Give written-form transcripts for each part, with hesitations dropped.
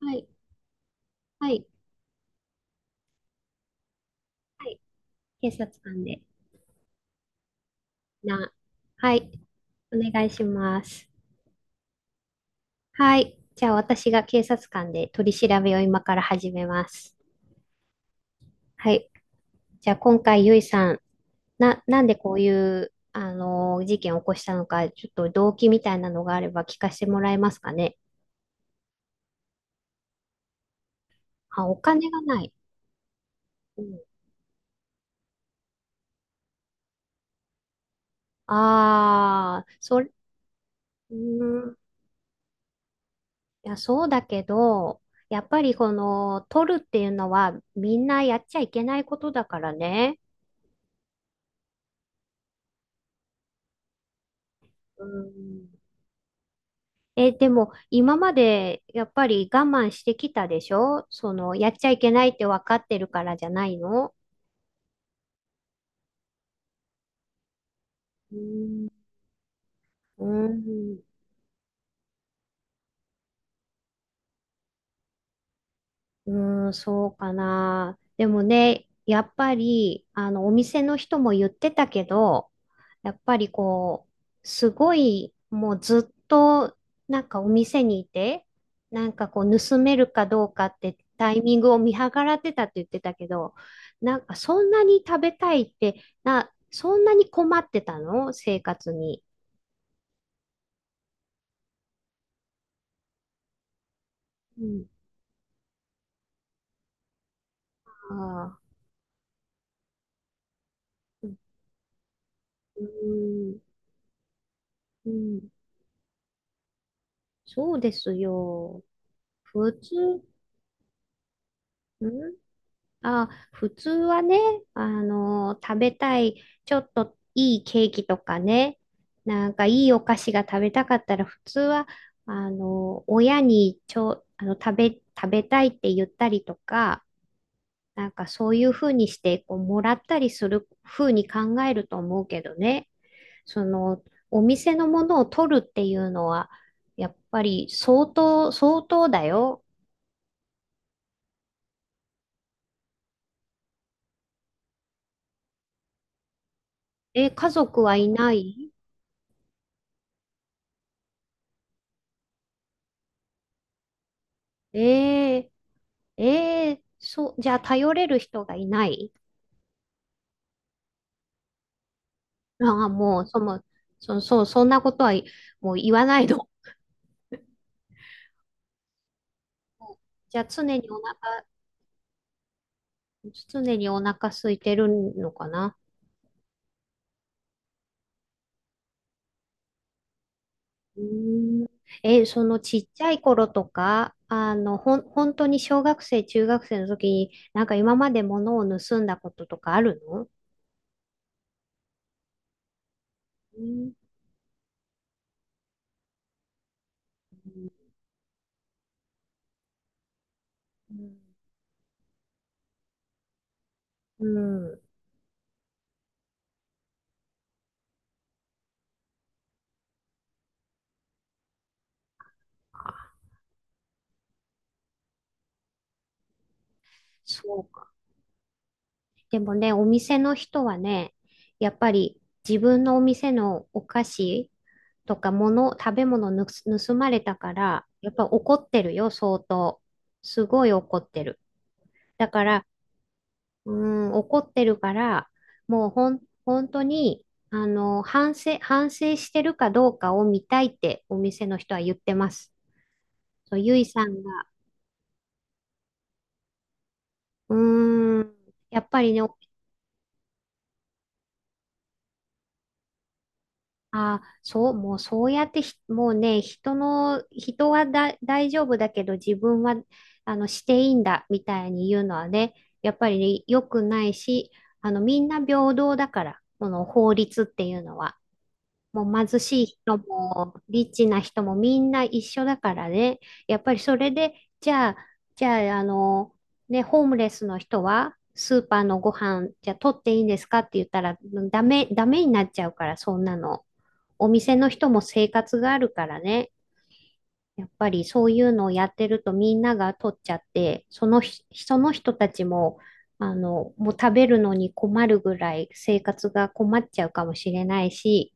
はい、はい、はい。警察官で。な、はい、お願いします。はい。じゃあ私が警察官で取り調べを今から始めます。はい。じゃあ今回、ゆいさん、なんでこういう、事件を起こしたのか、ちょっと動機みたいなのがあれば聞かせてもらえますかね？あ、お金がない。うん。ああ、それ。うーん、いや、そうだけど、やっぱりこの、取るっていうのはみんなやっちゃいけないことだからね。うん。え、でも今までやっぱり我慢してきたでしょ？そのやっちゃいけないって分かってるからじゃないの？うんうーん、そうかな。でもね、やっぱり、お店の人も言ってたけど、やっぱりすごい、もうずっと、なんかお店にいて、なんか盗めるかどうかってタイミングを見計らってたって言ってたけど、なんかそんなに食べたいって、そんなに困ってたの？生活に。うん。ああ、うん、うん、そうですよ。普通、うん。あ、普通はね、食べたい、ちょっといいケーキとかね、なんかいいお菓子が食べたかったら、普通は、親に食べたいって言ったりとか、なんかそういうふうにして、もらったりするふうに考えると思うけどね、その、お店のものを取るっていうのは、やっぱり相当、相当だよ。え、家族はいない？ええええそう、じゃあ頼れる人がいない？ああ、もう、そう、そんなこと、はい。もう言わないの。じゃあ常にお腹、常にお腹空いてるのかな。うーん。え、そのちっちゃい頃とか、本当に小学生、中学生の時に、なんか今まで物を盗んだこととかあるの？うん。うん。そうか。でもね、お店の人はね、やっぱり自分のお店のお菓子とか物、食べ物盗まれたから、やっぱ怒ってるよ、相当。すごい怒ってる。だから、うーん、怒ってるから、もう本当に、反省してるかどうかを見たいってお店の人は言ってます。そう、ゆいさんが、うーん、やっぱりね、あ、そう、もうそうやってもうね、人の、人はだ、大丈夫だけど自分は、していいんだ、みたいに言うのはね、やっぱりね、良くないし、みんな平等だから、この法律っていうのは。もう貧しい人も、リッチな人もみんな一緒だからね、やっぱりそれで、じゃあ、じゃあ、ね、ホームレスの人は、スーパーのご飯、じゃあ取っていいんですかって言ったら、ダメ、ダメになっちゃうから、そんなの。お店の人も生活があるからね、やっぱりそういうのをやってるとみんなが取っちゃって、そのひ、その人たちも、もう食べるのに困るぐらい生活が困っちゃうかもしれないし、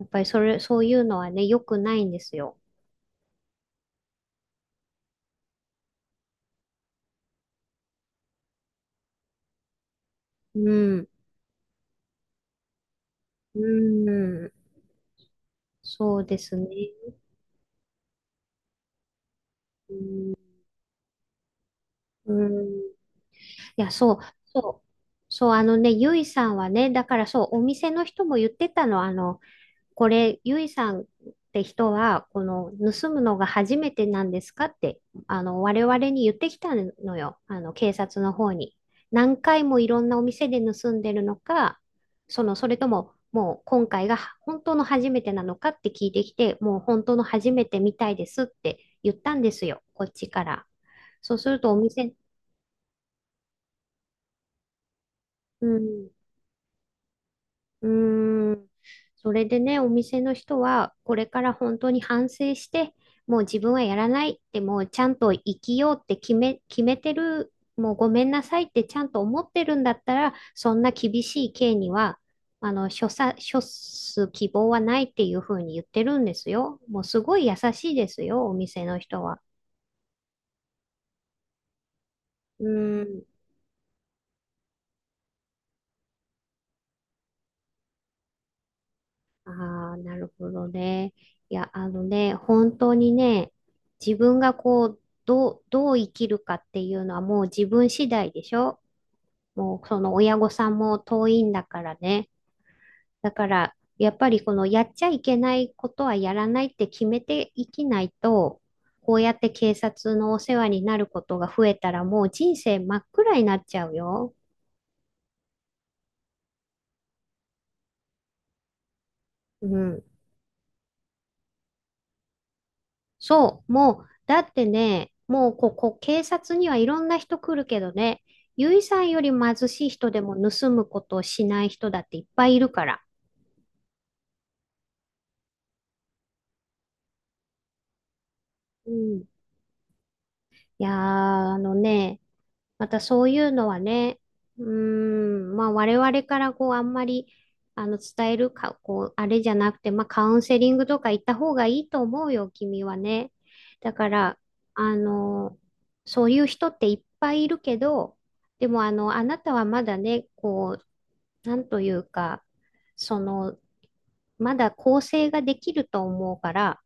やっぱりそういうのはね、良くないんですよ。うん。うん。そうですね。うん。いや、そう、そう。そう、あのね、ゆいさんはね、だからそう、お店の人も言ってたの、これ、ゆいさんって人は、この盗むのが初めてなんですかって、我々に言ってきたのよ。あの、警察の方に。何回もいろんなお店で盗んでるのか、それとも、もう今回が本当の初めてなのかって聞いてきて、もう本当の初めてみたいですって言ったんですよ、こっちから。そうするとお店、うん、うーん。それでね、お店の人は、これから本当に反省して、もう自分はやらないって、もうちゃんと生きようって決めてる、もうごめんなさいってちゃんと思ってるんだったら、そんな厳しい刑には、処す希望はないっていうふうに言ってるんですよ。もうすごい優しいですよ、お店の人は。うーん。ああ、なるほどね。いや、あのね、本当にね、自分がどう生きるかっていうのはもう自分次第でしょ？もうその親御さんも遠いんだからね。だから、やっぱりこのやっちゃいけないことはやらないって決めていきないと、こうやって警察のお世話になることが増えたらもう人生真っ暗になっちゃうよ。うん。そう、もう、だってね、もうここ、警察にはいろんな人来るけどね、ゆいさんより貧しい人でも盗むことをしない人だっていっぱいいるから。うん。いやー、あのね、またそういうのはね、うーん、まあ我々からあんまり伝えるか、あれじゃなくて、まあカウンセリングとか行った方がいいと思うよ、君はね。だから、あの、そういう人っていっぱいいるけど、でもあの、あなたはまだね、なんというか、その、まだ構成ができると思うから、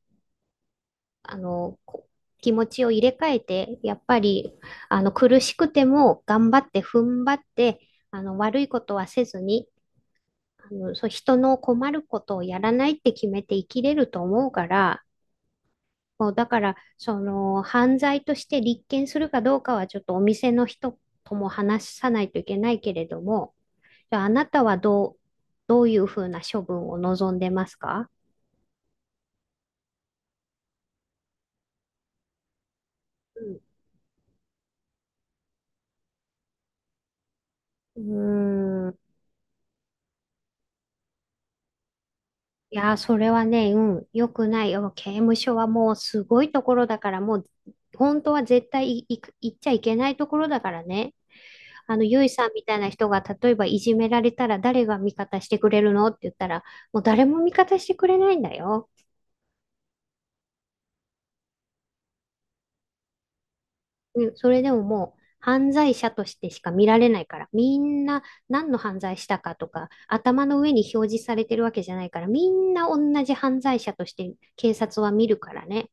あの、こ気持ちを入れ替えて、やっぱり、苦しくても頑張って踏ん張って、悪いことはせずに、そう、人の困ることをやらないって決めて生きれると思うから、もうだから、犯罪として立件するかどうかはちょっとお店の人とも話さないといけないけれども、じゃあ、あなたはどういうふうな処分を望んでますか？うん。うーん。いやー、それはね、うん、良くないよ。刑務所はもうすごいところだから、もう本当は絶対行っちゃいけないところだからね。ゆいさんみたいな人が例えばいじめられたら誰が味方してくれるのって言ったら、もう誰も味方してくれないんだよ。ね、それでももう犯罪者としてしか見られないから、みんな何の犯罪したかとか、頭の上に表示されてるわけじゃないから、みんな同じ犯罪者として警察は見るからね。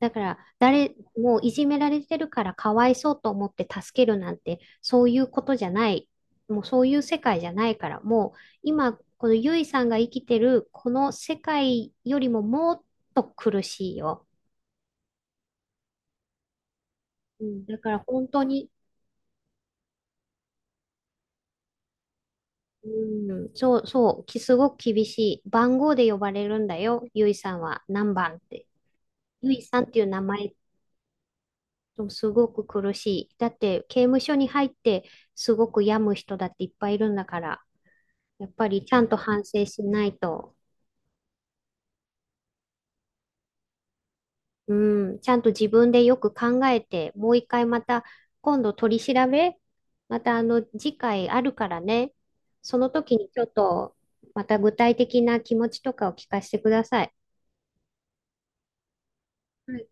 だから、もういじめられてるからかわいそうと思って助けるなんて、そういうことじゃない。もうそういう世界じゃないから、もう今、このゆいさんが生きてるこの世界よりももっと苦しいよ。うん、だから本当に。うん、そうそう、すごく厳しい。番号で呼ばれるんだよ、ゆいさんは何番って。ゆいさんっていう名前。すごく苦しい。だって刑務所に入ってすごく病む人だっていっぱいいるんだから、やっぱりちゃんと反省しないと、うん、ちゃんと自分でよく考えて、もう一回また今度取り調べ、またあの次回あるからね、その時にちょっとまた具体的な気持ちとかを聞かせてください。はい